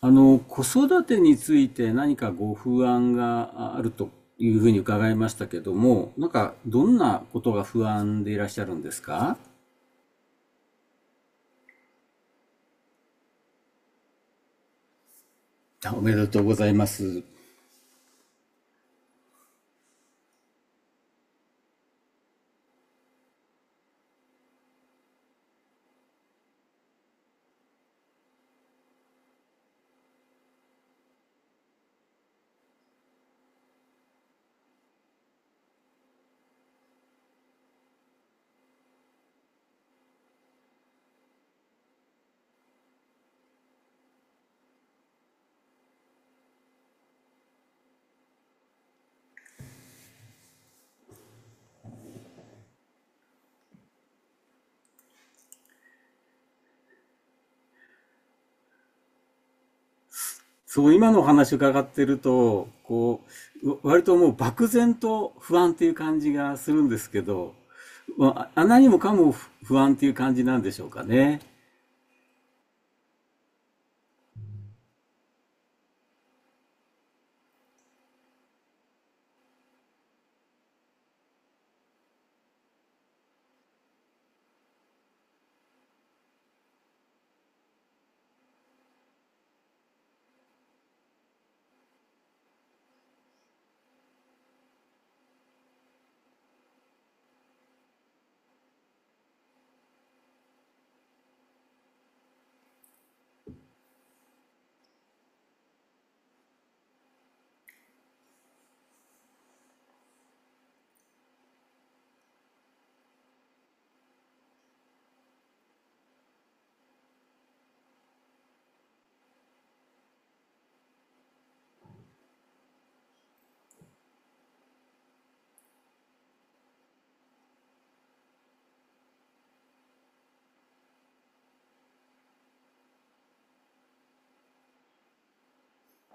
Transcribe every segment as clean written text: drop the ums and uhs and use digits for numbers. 子育てについて何かご不安があるというふうに伺いましたけども、なんかどんなことが不安でいらっしゃるんですか？おめでとうございます。そう、今のお話伺ってると、割ともう漠然と不安っていう感じがするんですけど、まあ何もかも不安っていう感じなんでしょうかね。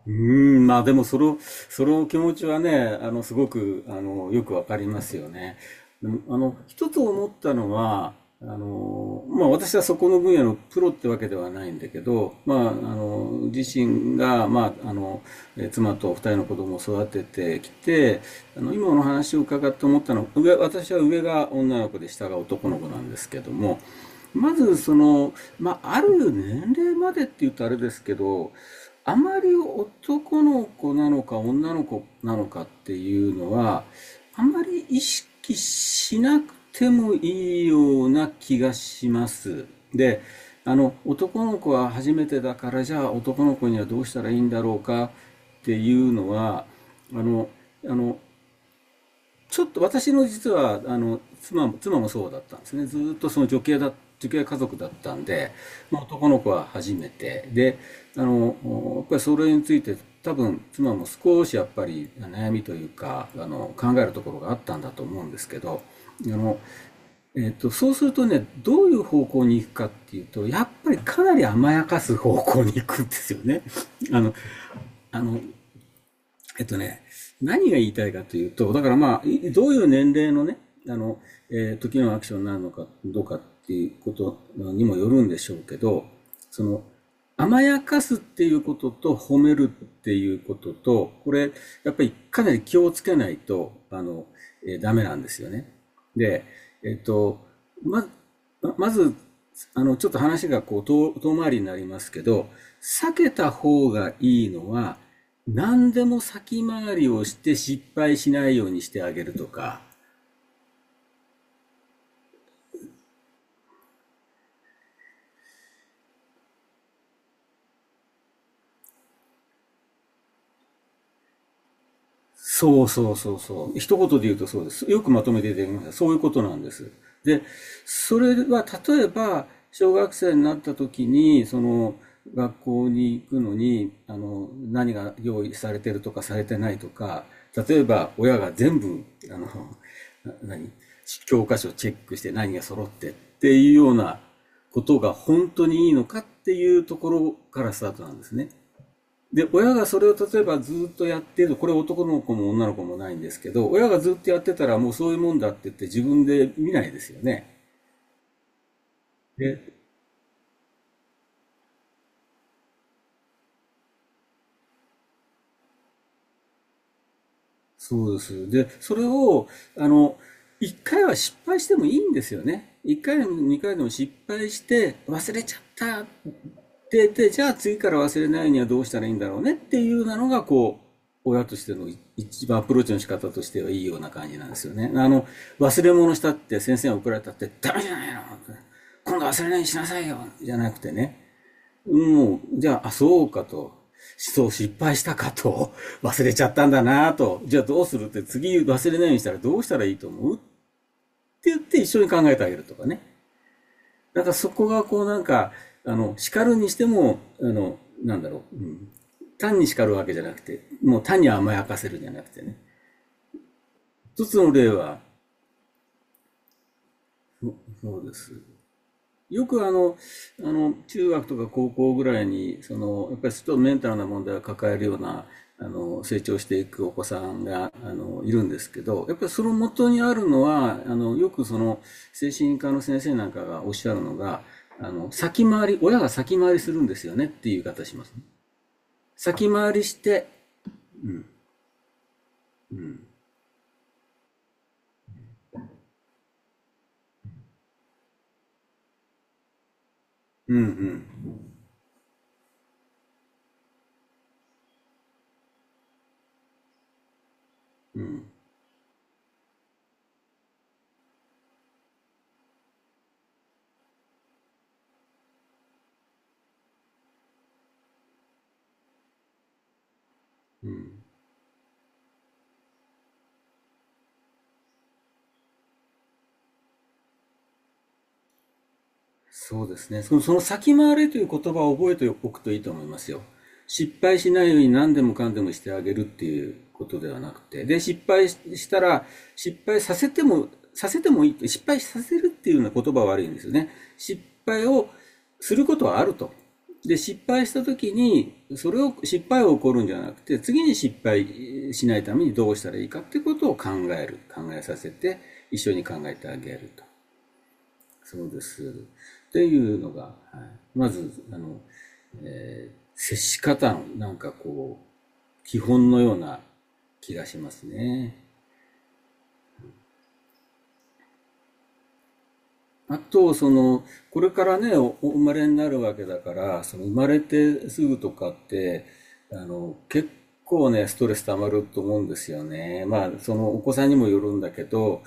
うーん、まあでもその、その気持ちはね、すごく、よくわかりますよね。でも一つ思ったのは、まあ私はそこの分野のプロってわけではないんだけど、まあ、自身が、まあ、妻と二人の子供を育ててきて、今の話を伺って思ったのは、私は上が女の子で下が男の子なんですけども、まずその、まあ、ある年齢までって言うとあれですけど、あまり男の子なのか女の子なのかっていうのは、あまり意識しなくてもいいような気がします。で、男の子は初めてだから、じゃあ男の子にはどうしたらいいんだろうかっていうのは、あの、あの、ちょっと私の実はあの妻もそうだったんですね。ずーっと女系家族だったんで、まあ、男の子は初めて。で、あの、やっぱりそれについて多分妻も少しやっぱり悩みというか、考えるところがあったんだと思うんですけど、あの、そうするとね、どういう方向に行くかっていうと、やっぱりかなり甘やかす方向に行くんですよね。あの、あの、えっとね、何が言いたいかというと、だからまあ、どういう年齢のね、あの、時のアクションになるのかどうかっていうことにもよるんでしょうけど、その、甘やかすっていうことと褒めるっていうことと、これ、やっぱりかなり気をつけないと、ダメなんですよね。で、えっと、ま、まず、ちょっと話がこう、遠回りになりますけど、避けた方がいいのは、何でも先回りをして失敗しないようにしてあげるとか、そうそうそうそう。一言で言うとそうです。よくまとめて出てきました。そういうことなんです。で、それは例えば、小学生になった時に、その、学校に行くのに、何が用意されてるとかされてないとか、例えば親が全部、あの、な何、教科書チェックして何が揃ってっていうようなことが本当にいいのかっていうところからスタートなんですね。で、親がそれを例えばずっとやってる、これ男の子も女の子もないんですけど、親がずっとやってたらもうそういうもんだって言って自分で見ないですよね。で、そうです。で、それを、あの、一回は失敗してもいいんですよね。一回でも二回でも失敗して、忘れちゃった。で、じゃあ次から忘れないにはどうしたらいいんだろうねっていうなのが、こう、親としての一番アプローチの仕方としてはいいような感じなんですよね。忘れ物したって先生が怒られたって、ダメじゃないの今度忘れないようにしなさいよじゃなくてね。もう、じゃあ、あ、そうかと。そう失敗したかと。忘れちゃったんだなと。じゃあどうするって次忘れないようにしたらどうしたらいいと思うって言って一緒に考えてあげるとかね。なんかそこがこうなんか、あの、叱るにしても、なんだろう。うん、単に叱るわけじゃなくて、もう単に甘やかせるじゃなくてね。一つの例は、そそうです。よく中学とか高校ぐらいに、その、やっぱりちょっとメンタルな問題を抱えるような、成長していくお子さんが、いるんですけど、やっぱりその元にあるのは、あの、よくその、精神科の先生なんかがおっしゃるのが、あの、先回り、親が先回りするんですよねっていう言い方しますね。先回りして、うそうですね。その、その先回れという言葉を覚えておくといいと思いますよ。失敗しないように何でもかんでもしてあげるっていうことではなくて。で、失敗したら、失敗させても、させてもいい。失敗させるっていうような言葉は悪いんですよね。失敗をすることはあると。で、失敗した時に、それを、失敗を起こるんじゃなくて、次に失敗しないためにどうしたらいいかっていうことを考える。考えさせて、一緒に考えてあげると。そうです。っていうのが、はい、まず、接し方のなんかこう、基本のような気がしますね。あと、その、これからね、お生まれになるわけだから、その生まれてすぐとかって、結構ね、ストレス溜まると思うんですよね。まあ、そのお子さんにもよるんだけど、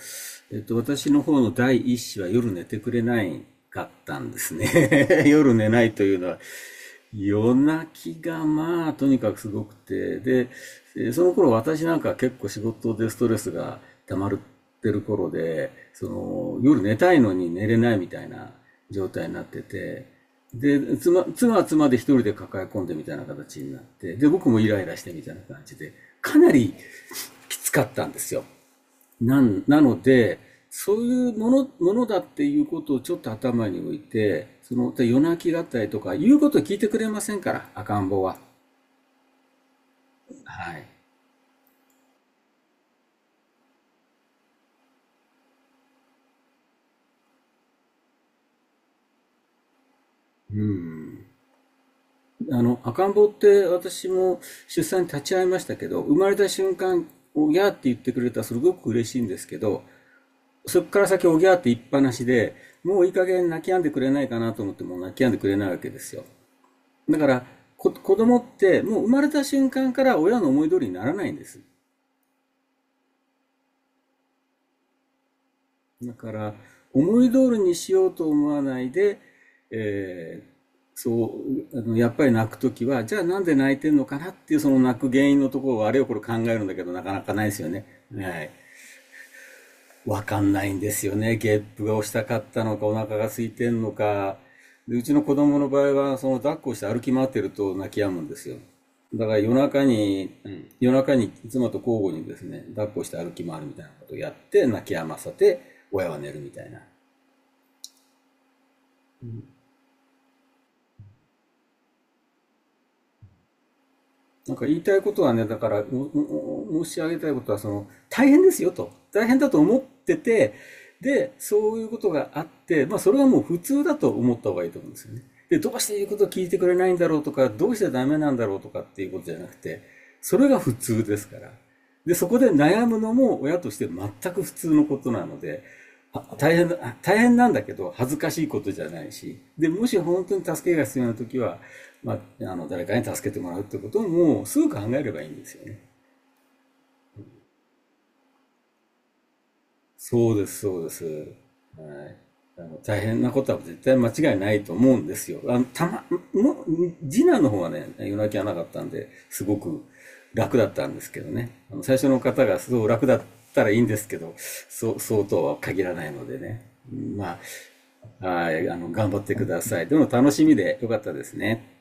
えっと、私の方の第一子は夜寝てくれなかったんですね。夜寝ないというのは、夜泣きがまあとにかくすごくて、で、その頃私なんか結構仕事でストレスが溜まってる頃で、その夜寝たいのに寝れないみたいな状態になってて、で、妻は妻で一人で抱え込んでみたいな形になって、で、僕もイライラしてみたいな感じで、かなり きつかったんですよ。なんなので、そういうもの、ものだっていうことをちょっと頭に置いて、その、で夜泣きだったりとか、言うことを聞いてくれませんから、赤ん坊は。はい。うん。赤ん坊って私も出産に立ち会いましたけど、生まれた瞬間、おぎゃーって言ってくれたらすごく嬉しいんですけど、そこから先おぎゃーって言いっぱなしで、もういい加減泣き止んでくれないかなと思っても泣き止んでくれないわけですよ。だから、子供ってもう生まれた瞬間から親の思い通りにならないんです。だから思い通りにしようと思わないで、えーそあのやっぱり泣くときはじゃあなんで泣いてんのかなっていうその泣く原因のところをあれをこれ考えるんだけどなかなかないですよね。はい、わかんないんですよね。ゲップが押したかったのかお腹が空いてんのか、でうちの子供の場合はその抱っこして歩き回ってると泣き止むんですよ。だから夜中に、うん、夜中に妻と交互にですね、抱っこして歩き回るみたいなことをやって、泣き止ませて、親は寝るみたいな。なんか言いたいことはね、だから、ううう申し上げたいことは、その、大変ですよと。大変だと思ってて、で、そういうことがあって、まあ、それはもう普通だと思った方がいいと思うんですよね。で、どうして言うことを聞いてくれないんだろうとか、どうしてダメなんだろうとかっていうことじゃなくて、それが普通ですから。で、そこで悩むのも親として全く普通のことなので、大変大変なんだけど、恥ずかしいことじゃないし、で、もし本当に助けが必要なときは、まあ、あの誰かに助けてもらうってことももうすぐ考えればいいんですよね。そうです、そうです。はい。あの大変なことは絶対間違いないと思うんですよ。あの、たま、も、次男の方はね、夜泣きはなかったんで、すごく楽だったんですけどね。あの、最初の方がすごく楽だったらいいんですけど、そうとは限らないのでね。まあ、はい、あの、頑張ってください。でも楽しみでよかったですね。